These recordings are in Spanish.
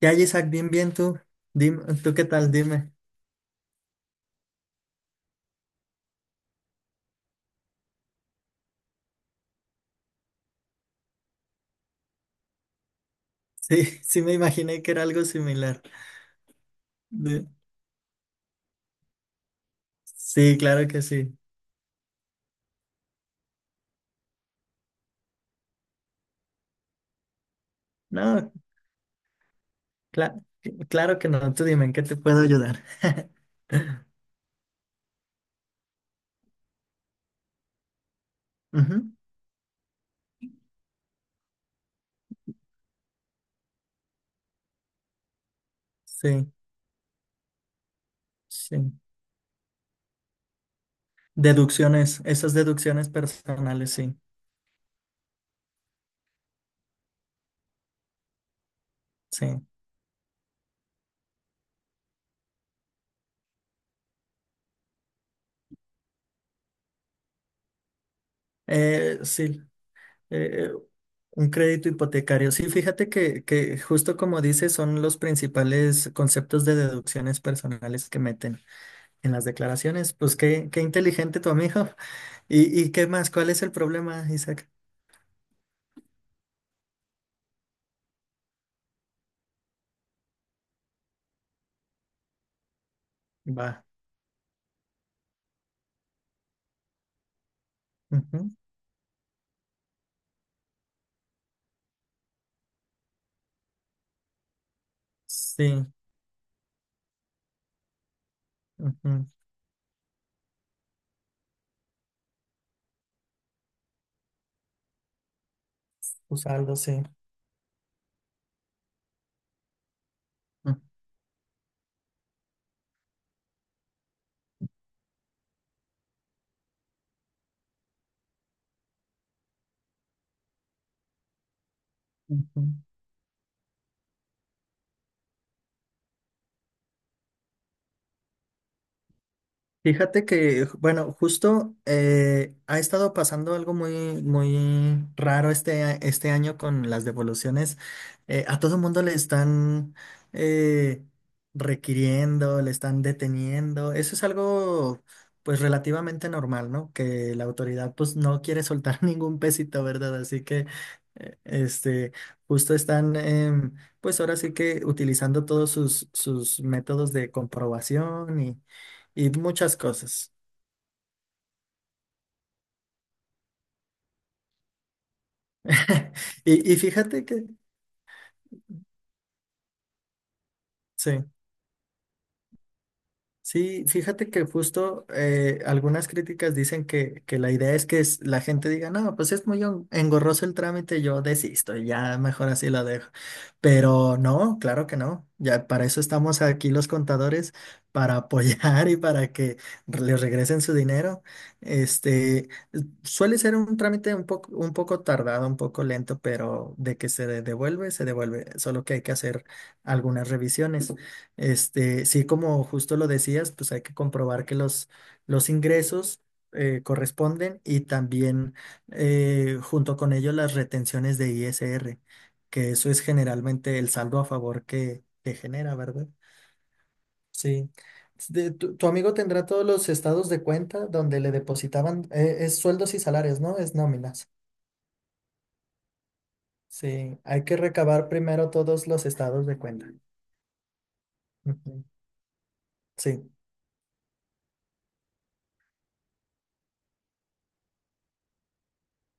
Ya, Isaac, bien, bien tú. Dime, ¿tú qué tal? Dime. Sí, sí me imaginé que era algo similar. De- Sí, claro que sí. No, cla- claro que no. Tú dime, ¿en qué te puedo ayudar? Ujú. Sí, sí. Deducciones, esas deducciones personales, sí, sí. Sí, eh, un crédito hipotecario. Sí, fíjate que justo como dices, son los principales conceptos de deducciones personales que meten en las declaraciones. Pues qué inteligente tu amigo. ¿Y qué más? ¿Cuál es el problema, Isaac? Va. Ujú. Sí. Ujú. Usaldo, sí. Ujú. Fíjate que, bueno, justo ha estado pasando algo muy, muy raro este año con las devoluciones. A todo mundo le están eh, requiriendo, le están deteniendo. Eso es algo, pues, relativamente normal, ¿no? Que la autoridad, pues, no quiere soltar ningún pesito, ¿verdad? Así que, eh, este, justo están pues ahora sí que utilizando todos sus métodos de comprobación y muchas cosas. Y fíjate que, sí, sí, fíjate que justo algunas críticas dicen que la idea es que la gente diga, no, pues es muy engorroso el trámite, yo desisto, y ya mejor así lo dejo. Pero no, claro que no, ya para eso estamos aquí los contadores, para apoyar y para que les regresen su dinero. Este, suele ser un trámite un poco tardado, un poco lento, pero de que se devuelve, solo que hay que hacer algunas revisiones. Este, sí, como justo lo decías, pues hay que comprobar que los ingresos corresponden y también junto con ello las retenciones de ISR, que eso es generalmente el saldo a favor que genera, ¿verdad? Sí. Tu amigo tendrá todos los estados de cuenta donde le depositaban, es sueldos y salarios, ¿no? Es nóminas. Sí, hay que recabar primero todos los estados de cuenta. Ujú. Sí.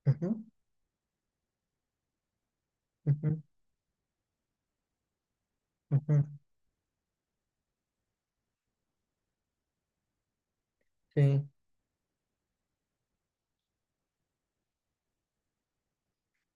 Ujú, ujú, ujú. Sí.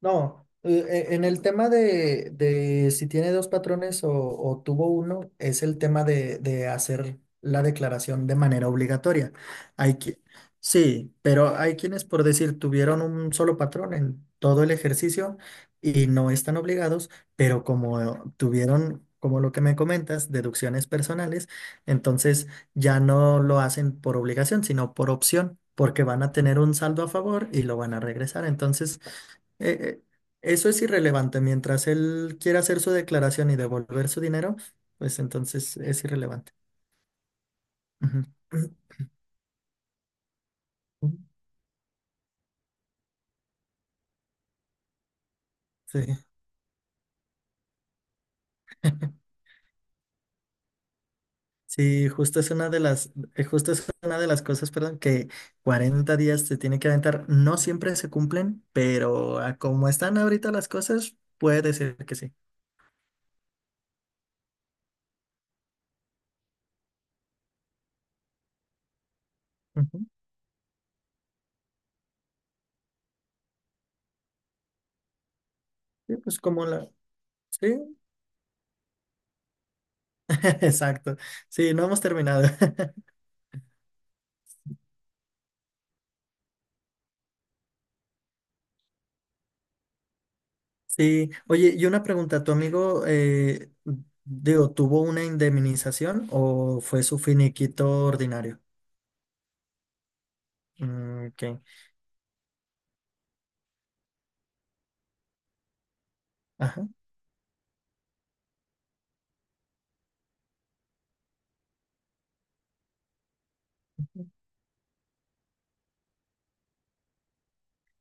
No, en el tema de si tiene dos patrones o tuvo uno, es el tema de hacer la declaración de manera obligatoria. Hay que, sí, pero hay quienes, por decir, tuvieron un solo patrón en todo el ejercicio y no están obligados, pero como tuvieron, como lo que me comentas, deducciones personales, entonces ya no lo hacen por obligación, sino por opción, porque van a tener un saldo a favor y lo van a regresar. Entonces... Eh, eh, eso es irrelevante. Mientras él quiera hacer su declaración y devolver su dinero, pues entonces es irrelevante. Ujú. Ujú. Sí. Sí, justo es una de justo es una de las cosas, perdón, que 40 días se tiene que aventar. No siempre se cumplen, pero a como están ahorita las cosas, puede ser que sí. Ujú. Sí, pues como la... Sí, exacto. Sí, no hemos terminado. Sí, oye, y una pregunta, ¿tu amigo, digo, tuvo una indemnización o fue su finiquito ordinario? Mm, ok, ajá.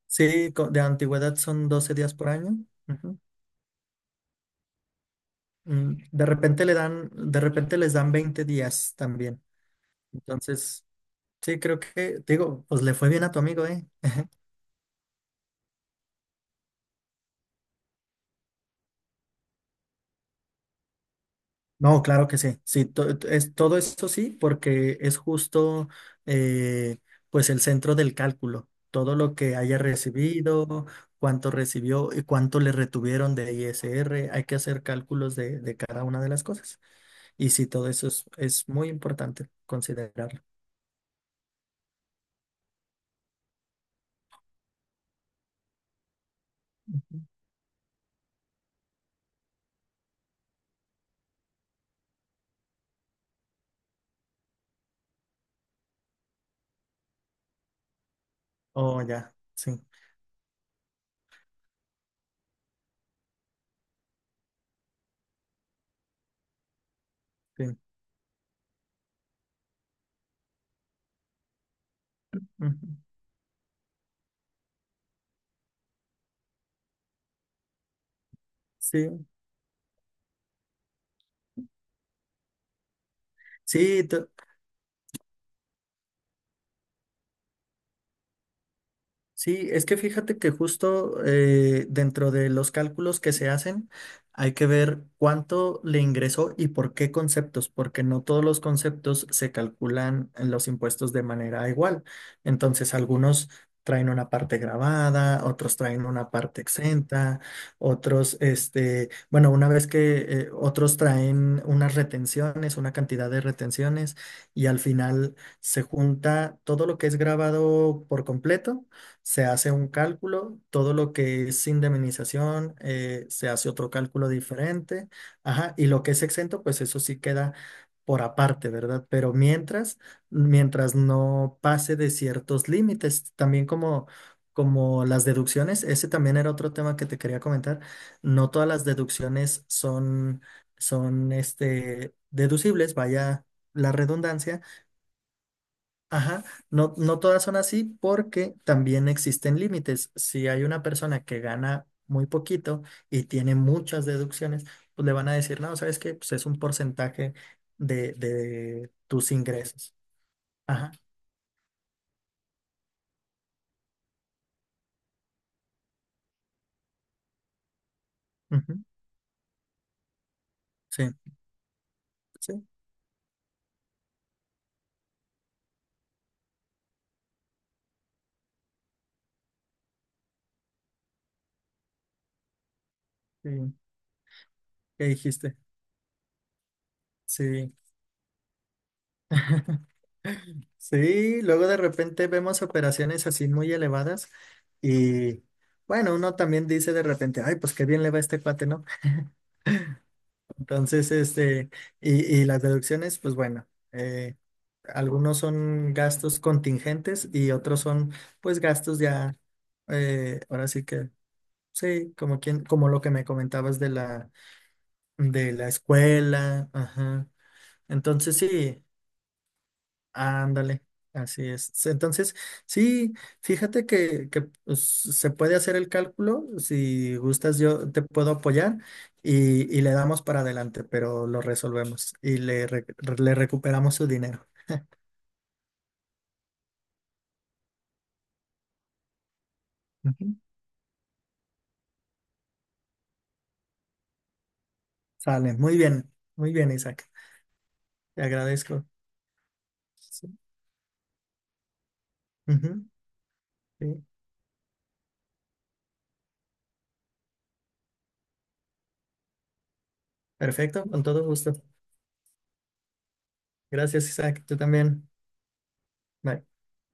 Sí, de antigüedad son 12 días por año. Ujú. Mm. De repente le dan, de repente les dan 20 días también. Entonces, sí, creo que, digo, pues le fue bien a tu amigo, ¿eh? No, claro que sí. Sí, todo eso sí, porque es justo eh, pues el centro del cálculo. Todo lo que haya recibido, cuánto recibió y cuánto le retuvieron de ISR, hay que hacer cálculos de cada una de las cosas. Y sí, todo eso es muy importante considerarlo. Ujú. Oh, ya, sí, sí. Ujú. Sí, sí. Sí, es que fíjate que justo dentro de los cálculos que se hacen hay que ver cuánto le ingresó y por qué conceptos, porque no todos los conceptos se calculan en los impuestos de manera igual. Entonces, algunos traen una parte grabada, otros traen una parte exenta, otros, este, bueno, una vez que otros traen unas retenciones, una cantidad de retenciones y al final se junta todo lo que es grabado por completo se hace un cálculo, todo lo que es indemnización, se hace otro cálculo diferente, ajá, y lo que es exento, pues eso sí queda por aparte, ¿verdad? Pero mientras no pase de ciertos límites, también como las deducciones, ese también era otro tema que te quería comentar, no todas las deducciones son, son deducibles, vaya la redundancia. Ajá, no, no todas son así porque también existen límites. Si hay una persona que gana muy poquito y tiene muchas deducciones, pues le van a decir, no, ¿sabes que? Pues es un porcentaje de tus ingresos. Ajá. Ujú. Sí, sí, sí. ¿Qué dijiste? Sí. Sí, luego de repente vemos operaciones así muy elevadas y bueno, uno también dice de repente, ay, pues qué bien le va a este cuate, ¿no? Entonces, y las deducciones, pues bueno, algunos son gastos contingentes y otros son pues gastos ya, ahora sí que, sí, como quien, como lo que me comentabas de la, escuela, ajá. Entonces sí, ándale, así es. Entonces, sí, fíjate que, pues, se puede hacer el cálculo. Si gustas, yo te puedo apoyar y le damos para adelante, pero lo resolvemos y le recuperamos su dinero. Ujú. Sale, muy bien, Isaac. Te agradezco. Sí. Ujú, sí. Perfecto, con todo gusto. Gracias, Isaac. Tú también. Bye.